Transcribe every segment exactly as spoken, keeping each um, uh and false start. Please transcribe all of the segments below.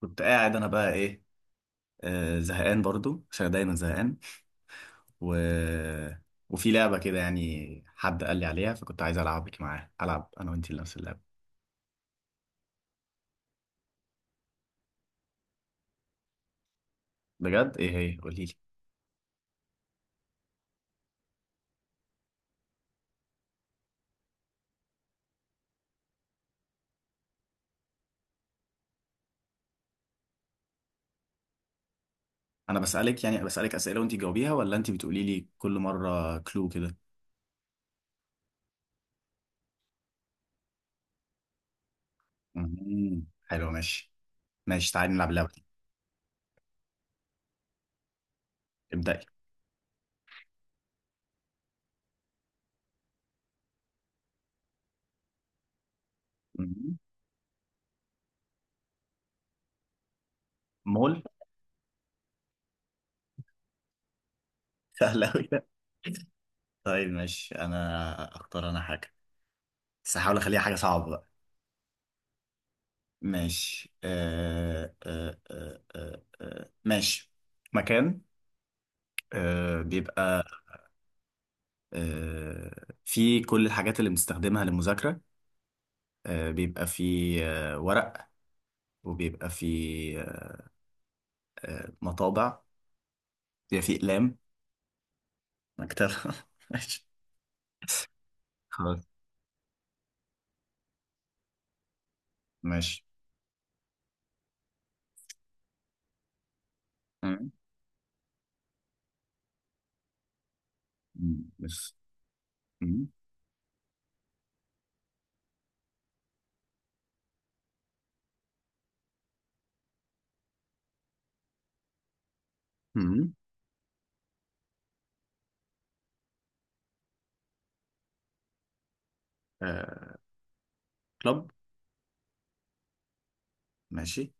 كنت قاعد انا بقى ايه. آه، زهقان برضو عشان دايما زهقان. و... وفي لعبة كده، يعني حد قال لي عليها، فكنت عايز العبك معاه. العب انا وانتي نفس اللعبة. بجد ايه هي؟ قولي لي. انا بسألك يعني، بسألك أسئلة وانتي بتقوليها، ولا انتي بتقولي لي كل مرة كلو كده؟ مهم. حلو، ماشي. ماشي، تعالي نلعب اللعبة دي. ابدأي. مهم. مول. سهل أوي ده. طيب ماشي، انا اختار انا حاجة. بس هحاول اخليها حاجة صعبة بقى. ماشي. آه آه آه آه آه ماشي. مكان، آه بيبقى آه فيه كل الحاجات اللي بنستخدمها للمذاكرة. آه، بيبقى فيه آه ورق، وبيبقى فيه آه، مطابع، بيبقى فيه أقلام. مكتبة. ماشي. خلاص. ماشي. مم. مم. بس. مم. مم. آه، كلوب. ماشي،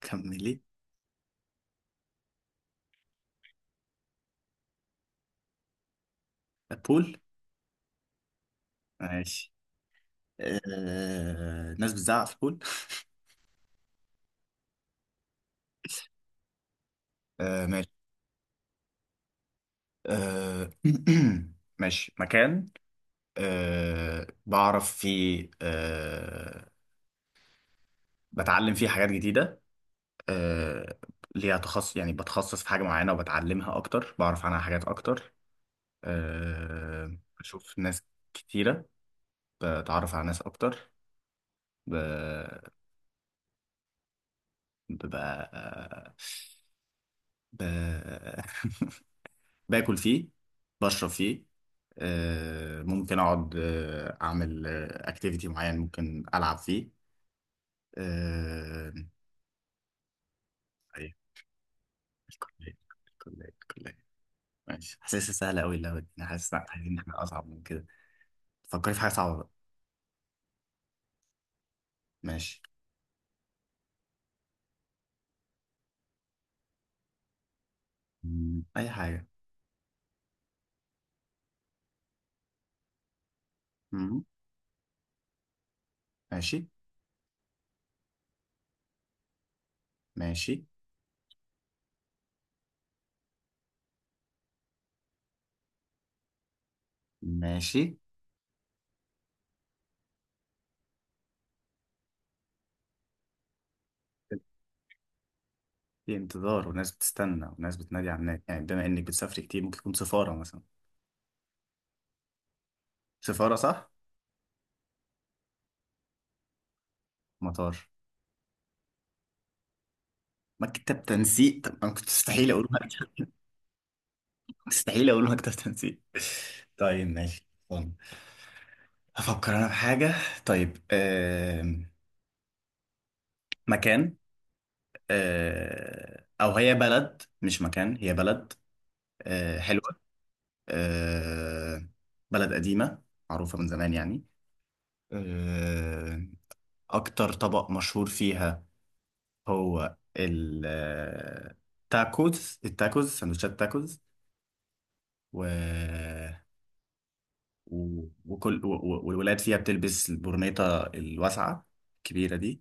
كملي. آه، بول. ماشي. آه، ناس بتزعق في البول. آه ماشي. آه، ماشي. مكان آه، بعرف فيه آه، بتعلم فيه حاجات جديدة. آه، ليها تخصص، يعني بتخصص في حاجة معينة وبتعلمها أكتر، بعرف عنها حاجات أكتر. آه، بشوف ناس كتيرة، بتعرف على ناس أكتر. ب... ببقى ب... باكل فيه، بشرب فيه. آه، ممكن أقعد آه، أعمل أكتيفيتي معين، ممكن ألعب فيه. آه... أيوة. الكلية الكلية الكلية. ماشي، حاسسها سهلة أوي اللعبة دي. أنا حاسس إن عايزين إن إحنا أصعب من كده. فكري في حاجة صعبة بقى. ماشي. مم، أي حاجة. مم. ماشي. ماشي. ماشي. في انتظار وناس بتستنى وناس بتنادي على الناس، يعني بما إنك بتسافري كتير، ممكن تكون سفارة مثلا. سفارة صح؟ مطار. مكتب تنسيق. طب أنا كنت مستحيل أقول مكتب. مستحيل أقول مكتب تنسيق. طيب ماشي طيب. هفكر أنا في حاجة. طيب آم، مكان، آه، او هي بلد مش مكان، هي بلد. آه، حلوه. آه، بلد قديمه، معروفه من زمان يعني. آه، اكتر طبق مشهور فيها هو التاكوز. التاكوز سندوتشات تاكوز. و و- وكل و- و- والولاد فيها بتلبس البرنيطة الواسعة الكبيرة دي.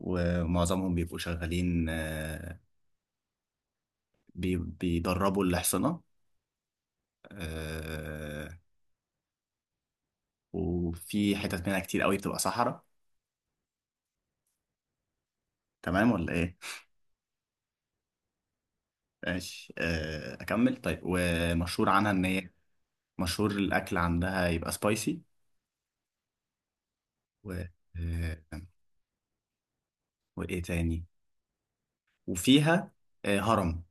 ومعظمهم بيبقوا شغالين آه، بي- بيدربوا الأحصنة. وفي حتت منها كتير قوي بتبقى صحراء. تمام ولا ايه؟ ماشي، آه، اكمل. طيب ومشهور عنها ان هي، مشهور الاكل عندها يبقى سبايسي. و آه، وايه تاني؟ وفيها آه، هرم.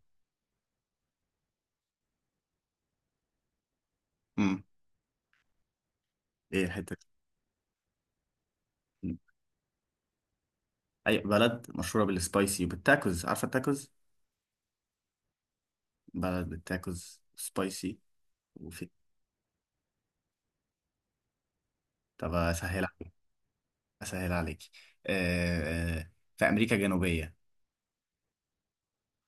امم، ايه الحته دي؟ اي بلد مشهوره بالسبايسي وبالتاكوز؟ عارفه التاكوز؟ بلد بالتاكوز سبايسي. وفي، طب اسهل عليك. اسهل عليك. آه، آه، في امريكا الجنوبيه.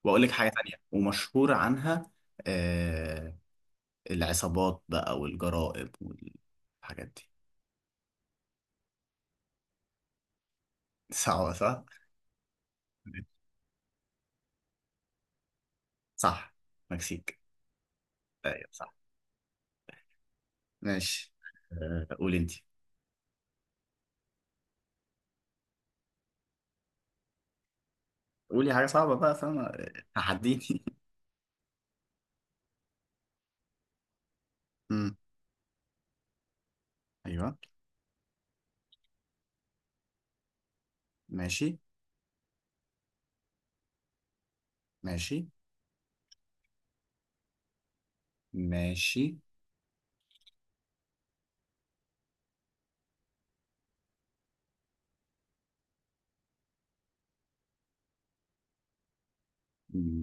واقول لك حاجه تانية ومشهور عنها آه، العصابات بقى والجرائم والحاجات دي. صعبة صح؟ صح، مكسيك. ايوه صح. ماشي. آه، قول انت. قولي حاجة صعبة بقى، فاهمة؟ تحديني. أمم. ايوه. ماشي. ماشي. ماشي.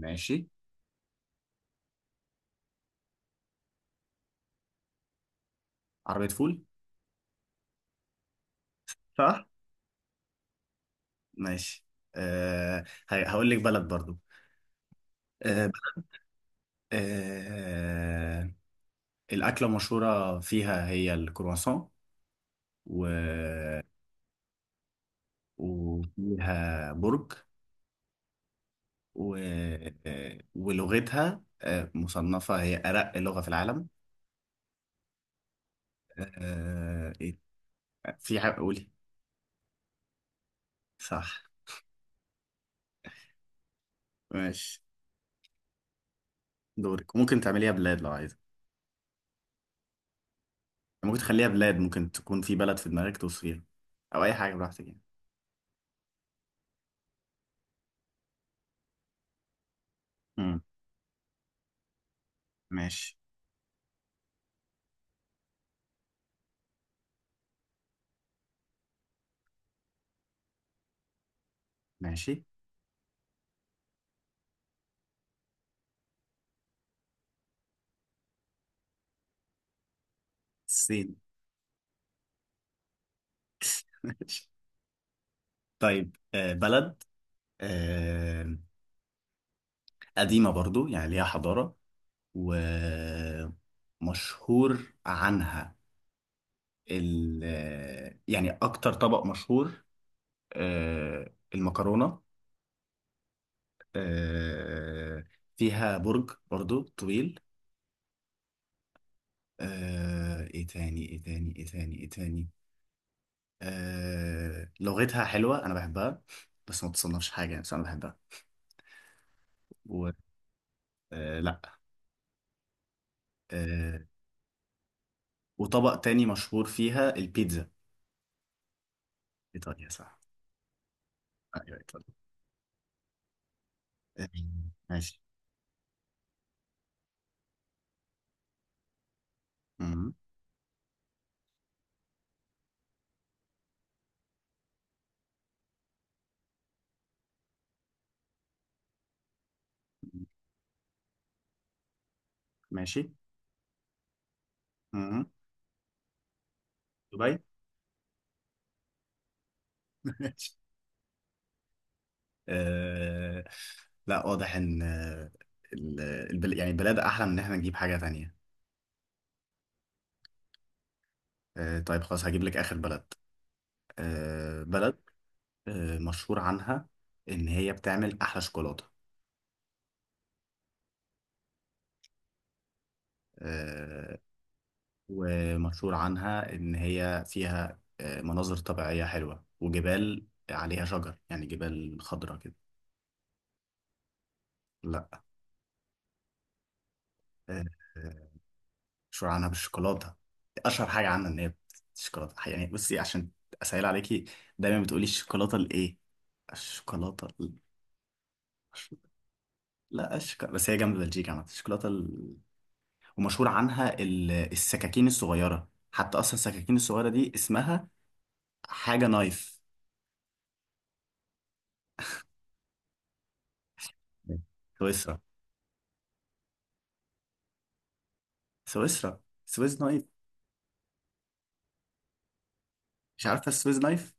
ماشي. عربية فول. صح؟ ماشي. أه، ه- هقول لك بلد برضو. أه. أه، الأكلة المشهورة فيها هي الكرواسون و... وفيها برج. و... آه، ولغتها آه، مصنفة هي أرق لغة في العالم. آه، آه، إيه؟ في حاجة، قولي. صح. ماشي. دورك، ممكن تعمليها بلاد لو عايزة. ممكن تخليها بلاد، ممكن تكون في بلد في دماغك توصفيها، أو أي حاجة براحتك يعني. مم. ماشي. ماشي. الصين. ماشي. طيب آه، بلد آه، قديمة برضو يعني ليها حضارة. ومشهور عنها ال، يعني أكتر طبق مشهور آه، المكرونة. آه، فيها برج برضو طويل. آه، ايه تاني ايه تاني ايه تاني ايه تاني؟ آه، لغتها حلوة انا بحبها. بس ما تصنفش حاجة يعني، بس انا بحبها. و آه، لا، آه، وطبق تاني مشهور فيها البيتزا. ايطاليا صح. ايوه ايطاليا. آه، ماشي. مم. ماشي. مم. دبي. آه لا، واضح ان آه، ال- البل... يعني البلاد احلى من ان احنا نجيب حاجة تانية. آه طيب خلاص، هجيب لك اخر بلد. آه بلد، آه، مشهور عنها ان هي بتعمل احلى شوكولاتة. آه، ومشهور عنها ان هي فيها آه، مناظر طبيعية حلوة، وجبال عليها شجر يعني، جبال خضراء كده. لا. آه، مشهورة عنها بالشوكولاتة. أشهر حاجة عنها إن هي الشوكولاتة. يعني بصي، عشان أسهل عليكي، دايما بتقولي الشوكولاتة الإيه؟ الشوكولاتة ال... لا، الشوكولاتة بس هي جنب بلجيكا عامة. الشوكولاتة ال... ومشهور عنها ال... السكاكين الصغيرة، حتى أصلا السكاكين الصغيرة دي اسمها حاجة نايف. سويسرا. سويسرا. سويس نايف. مش عارفة السويس نايف؟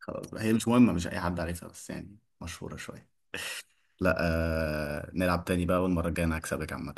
خلاص بقى، هي مش مهمة، مش أي حد عارفها، بس يعني مشهورة شوية. لا. آه... نلعب تاني بقى، والمرة الجاية أنا هكسبك عامة.